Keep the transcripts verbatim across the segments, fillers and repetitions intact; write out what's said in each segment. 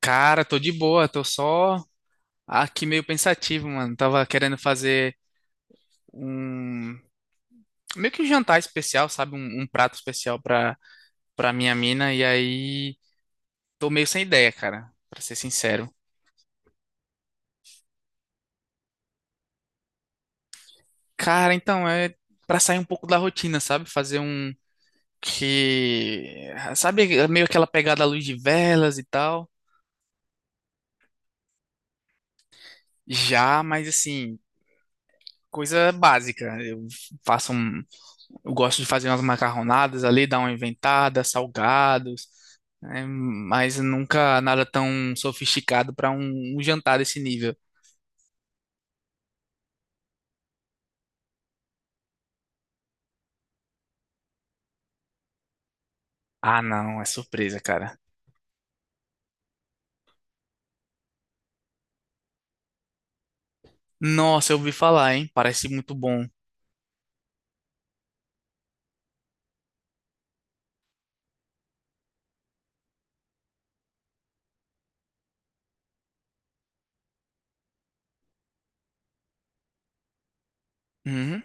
Cara, tô de boa, tô só aqui meio pensativo, mano. Tava querendo fazer um meio que um jantar especial, sabe? Um, um prato especial pra, pra minha mina, e aí tô meio sem ideia, cara, pra ser sincero. Cara, então é pra sair um pouco da rotina, sabe? Fazer um que, sabe, meio aquela pegada à luz de velas e tal. Já, mas assim, coisa básica. Eu faço um, eu gosto de fazer umas macarronadas ali, dar uma inventada, salgados, né? Mas nunca nada tão sofisticado para um, um jantar desse nível. Ah, não, é surpresa, cara. Nossa, eu ouvi falar, hein? Parece muito bom. Uhum.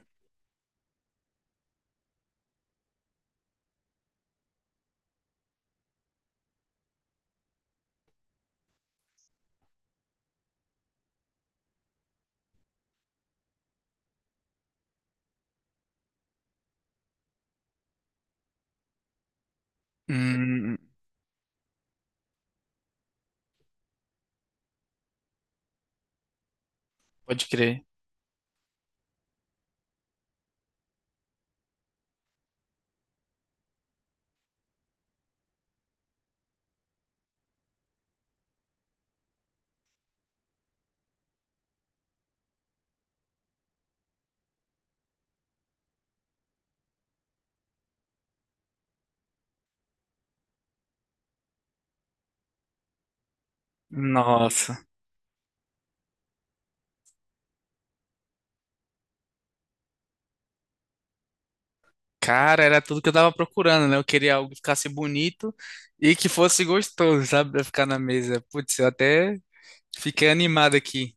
Hum, Pode crer. Nossa. Cara, era tudo que eu tava procurando, né? Eu queria algo que ficasse bonito e que fosse gostoso, sabe? Pra ficar na mesa. Putz, eu até fiquei animado aqui.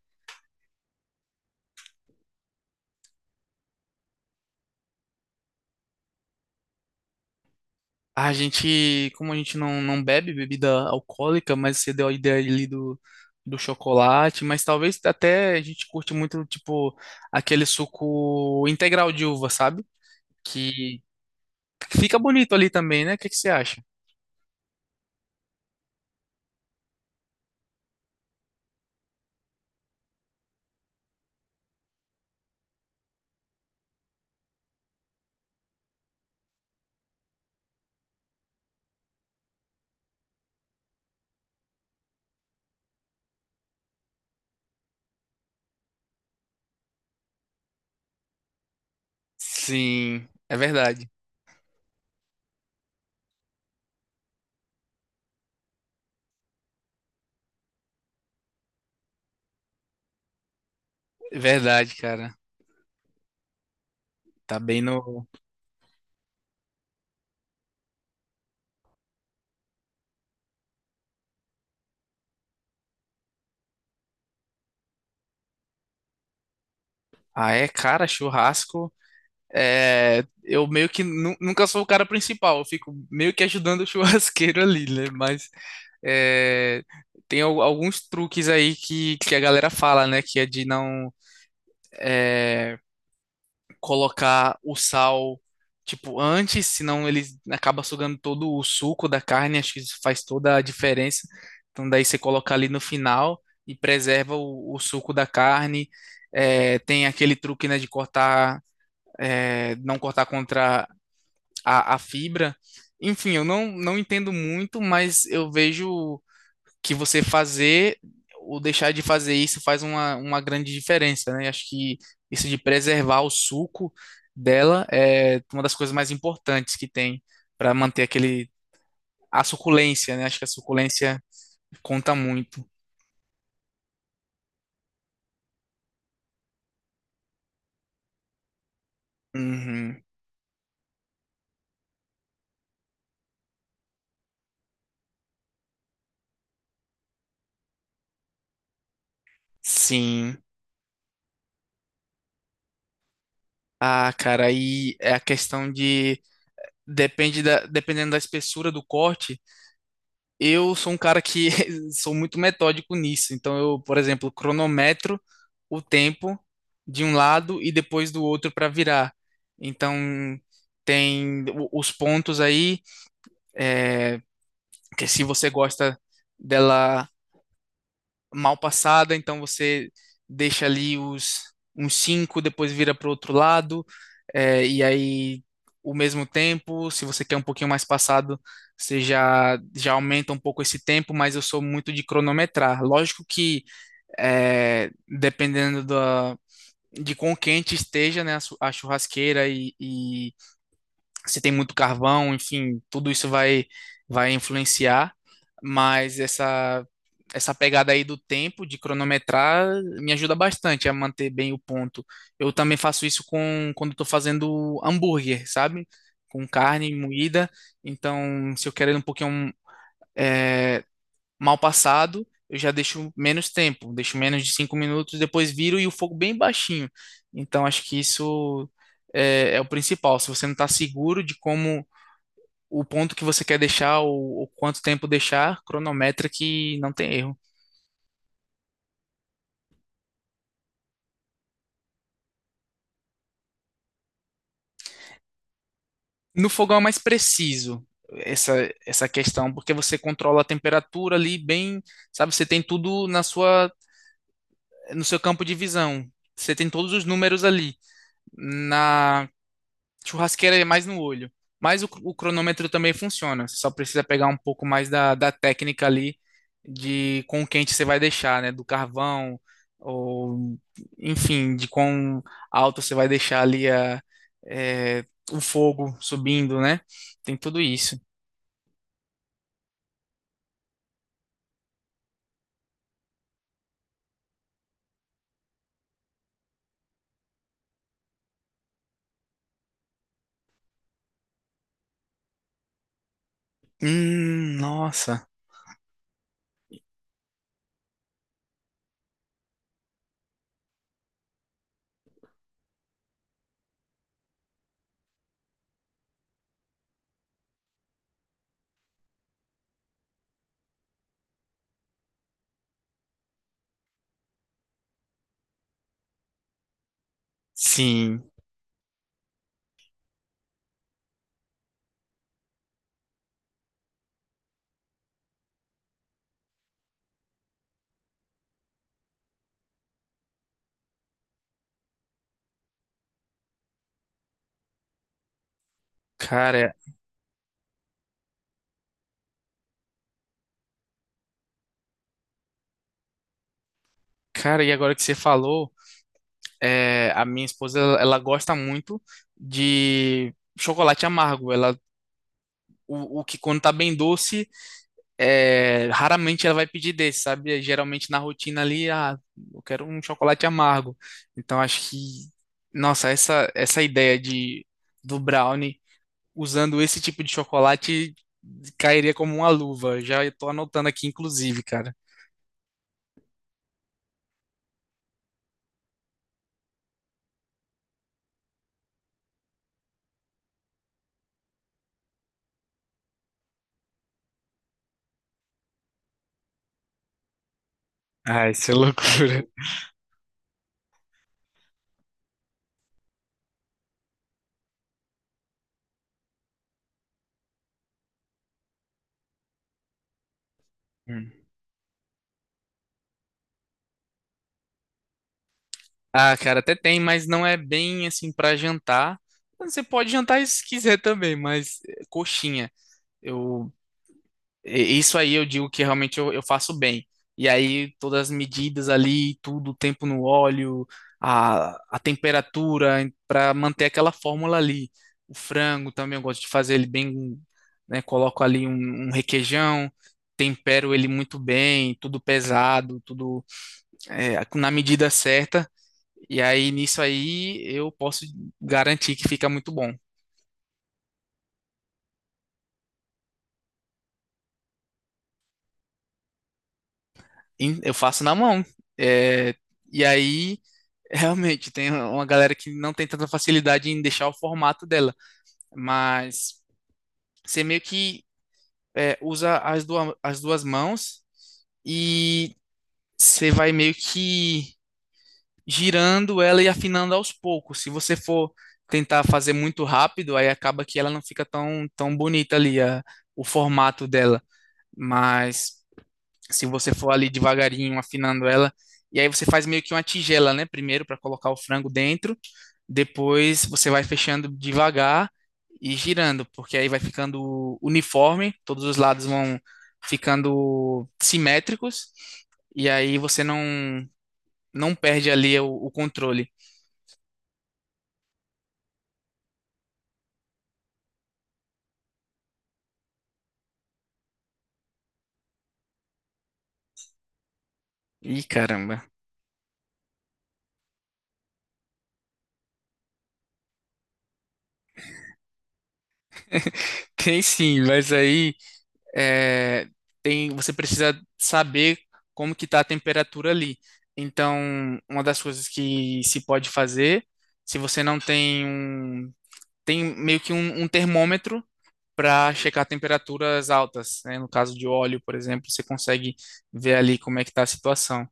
A gente, como a gente não, não bebe bebida alcoólica, mas você deu a ideia ali do, do chocolate, mas talvez até a gente curte muito, tipo, aquele suco integral de uva, sabe? Que fica bonito ali também, né? O que que você acha? Sim, é verdade. É verdade, cara. Tá bem no. Ah, é, cara, churrasco. É, eu meio que nu- nunca sou o cara principal, eu fico meio que ajudando o churrasqueiro ali, né? Mas é, tem al- alguns truques aí que, que a galera fala, né? Que é de não colocar o sal, tipo, antes, senão ele acaba sugando todo o suco da carne, acho que isso faz toda a diferença. Então daí você coloca ali no final e preserva o, o suco da carne. É, tem aquele truque, né, de cortar, é, não cortar contra a, a fibra. Enfim, eu não, não entendo muito, mas eu vejo que você fazer ou deixar de fazer isso faz uma, uma grande diferença, né? Acho que isso de preservar o suco dela é uma das coisas mais importantes que tem para manter aquele a suculência, né? Acho que a suculência conta muito. Uhum. Sim. Ah, cara, aí é a questão de depende da, dependendo da espessura do corte. Eu sou um cara que sou muito metódico nisso. Então, eu, por exemplo, cronometro o tempo de um lado e depois do outro para virar. Então, tem o- os pontos aí, que se você gosta dela mal passada, então você deixa ali os uns cinco depois vira para o outro lado, é, e aí o mesmo tempo, se você quer um pouquinho mais passado, você já, já aumenta um pouco esse tempo, mas eu sou muito de cronometrar. Lógico que é, dependendo da, de quão quente esteja, né, a, chu- a churrasqueira e, e se tem muito carvão, enfim, tudo isso vai, vai influenciar, mas essa, essa pegada aí do tempo, de cronometrar, me ajuda bastante a manter bem o ponto. Eu também faço isso com, quando estou fazendo hambúrguer, sabe? Com carne moída, então se eu quero ele um pouquinho é, mal passado, eu já deixo menos tempo, deixo menos de cinco minutos, depois viro e o fogo bem baixinho. Então acho que isso é, é o principal. Se você não está seguro de como o ponto que você quer deixar ou, ou quanto tempo deixar, cronometra que não tem erro. No fogão é mais preciso essa, essa questão, porque você controla a temperatura ali bem, sabe? Você tem tudo na sua, no seu campo de visão. Você tem todos os números ali. Na churrasqueira é mais no olho. Mas o, o cronômetro também funciona. Você só precisa pegar um pouco mais da, da técnica ali de com o quente você vai deixar, né? Do carvão, ou enfim, de quão alto você vai deixar ali a, é, o fogo subindo, né? Tem tudo isso. Hum, nossa. Sim, cara, cara, e agora que você falou, é, a minha esposa, ela ela gosta muito de chocolate amargo. Ela o, o que quando tá bem doce, é, raramente ela vai pedir desse, sabe? Geralmente na rotina ali, ah, eu quero um chocolate amargo. Então acho que, nossa, essa, essa ideia de, do brownie usando esse tipo de chocolate cairia como uma luva. Já tô anotando aqui, inclusive, cara. Ai, isso é loucura. Ah, cara, até tem, mas não é bem assim pra jantar. Você pode jantar se quiser também, mas eh, coxinha. Eu, e- isso aí eu digo que realmente eu, eu faço bem. E aí todas as medidas ali, tudo, o tempo no óleo, a, a temperatura para manter aquela fórmula ali. O frango também eu gosto de fazer ele bem, né? Coloco ali um, um requeijão, tempero ele muito bem, tudo pesado, tudo eh, na medida certa. E aí, nisso aí, eu posso garantir que fica muito bom. E Eu faço na mão. É, e aí, realmente, tem uma galera que não tem tanta facilidade em deixar o formato dela. Mas você meio que é, usa as duas, as duas mãos e você vai meio que girando ela e afinando aos poucos. Se você for tentar fazer muito rápido, aí acaba que ela não fica tão, tão bonita ali, a- o formato dela. Mas. Se você for ali devagarinho afinando ela. E aí você faz meio que uma tigela, né? Primeiro para colocar o frango dentro, depois você vai fechando devagar e girando, porque aí vai ficando uniforme, todos os lados vão ficando simétricos e aí você não não perde ali o, o controle. Ih, caramba. Tem sim, mas aí é, tem, você precisa saber como que está a temperatura ali. Então, uma das coisas que se pode fazer, se você não tem um, tem meio que um, um termômetro para checar temperaturas altas, né? No caso de óleo, por exemplo, você consegue ver ali como é que está a situação.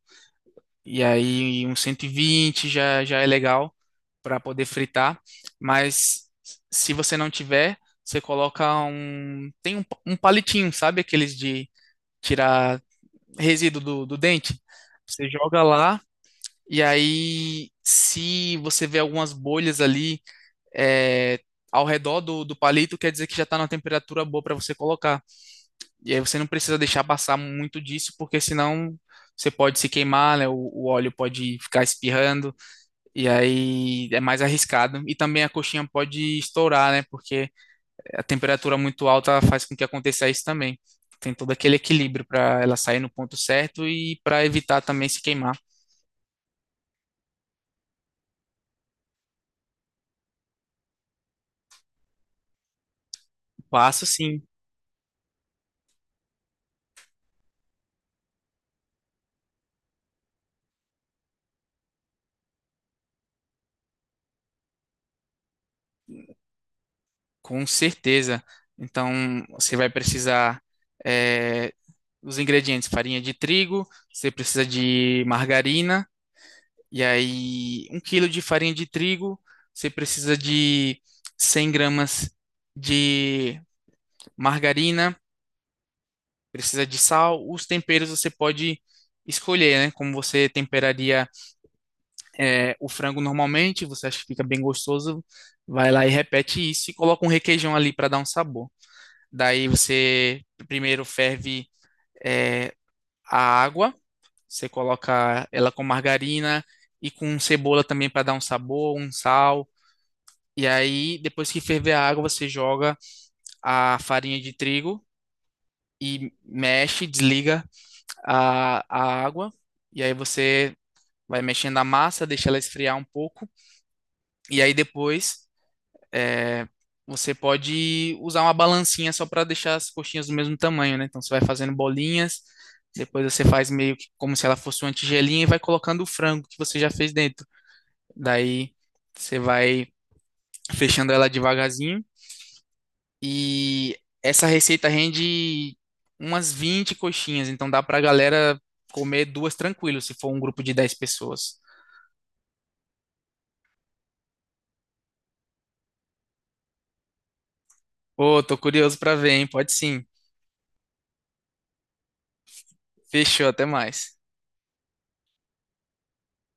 E aí, um vinte já, já é legal para poder fritar, mas se você não tiver, você coloca um, tem um, um palitinho, sabe? Aqueles de tirar resíduo do, do dente. Você joga lá e aí, se você vê algumas bolhas ali é, ao redor do, do palito, quer dizer que já está numa temperatura boa para você colocar. E aí você não precisa deixar passar muito disso, porque senão você pode se queimar, né? O, o óleo pode ficar espirrando, e aí é mais arriscado. E também a coxinha pode estourar, né? Porque a temperatura muito alta faz com que aconteça isso também. Tem todo aquele equilíbrio para ela sair no ponto certo e para evitar também se queimar. Passo sim, com certeza. Então, você vai precisar é, os ingredientes: farinha de trigo, você precisa de margarina, e aí um quilo de farinha de trigo, você precisa de cem gramas de margarina, precisa de sal. Os temperos você pode escolher, né? Como você temperaria é, o frango normalmente, você acha que fica bem gostoso, vai lá e repete isso e coloca um requeijão ali para dar um sabor. Daí você primeiro ferve é, a água, você coloca ela com margarina e com cebola também para dar um sabor, um sal. E aí, depois que ferver a água, você joga a farinha de trigo e mexe, desliga a, a água, e aí você vai mexendo a massa, deixa ela esfriar um pouco, e aí depois é, você pode usar uma balancinha só para deixar as coxinhas do mesmo tamanho, né? Então você vai fazendo bolinhas, depois você faz meio que como se ela fosse uma tigelinha e vai colocando o frango que você já fez dentro. Daí você vai fechando ela devagarzinho. E essa receita rende umas vinte coxinhas, então dá pra galera comer duas tranquilo, se for um grupo de dez pessoas. Ô, tô curioso pra ver, hein? Pode sim. Fechou, até mais.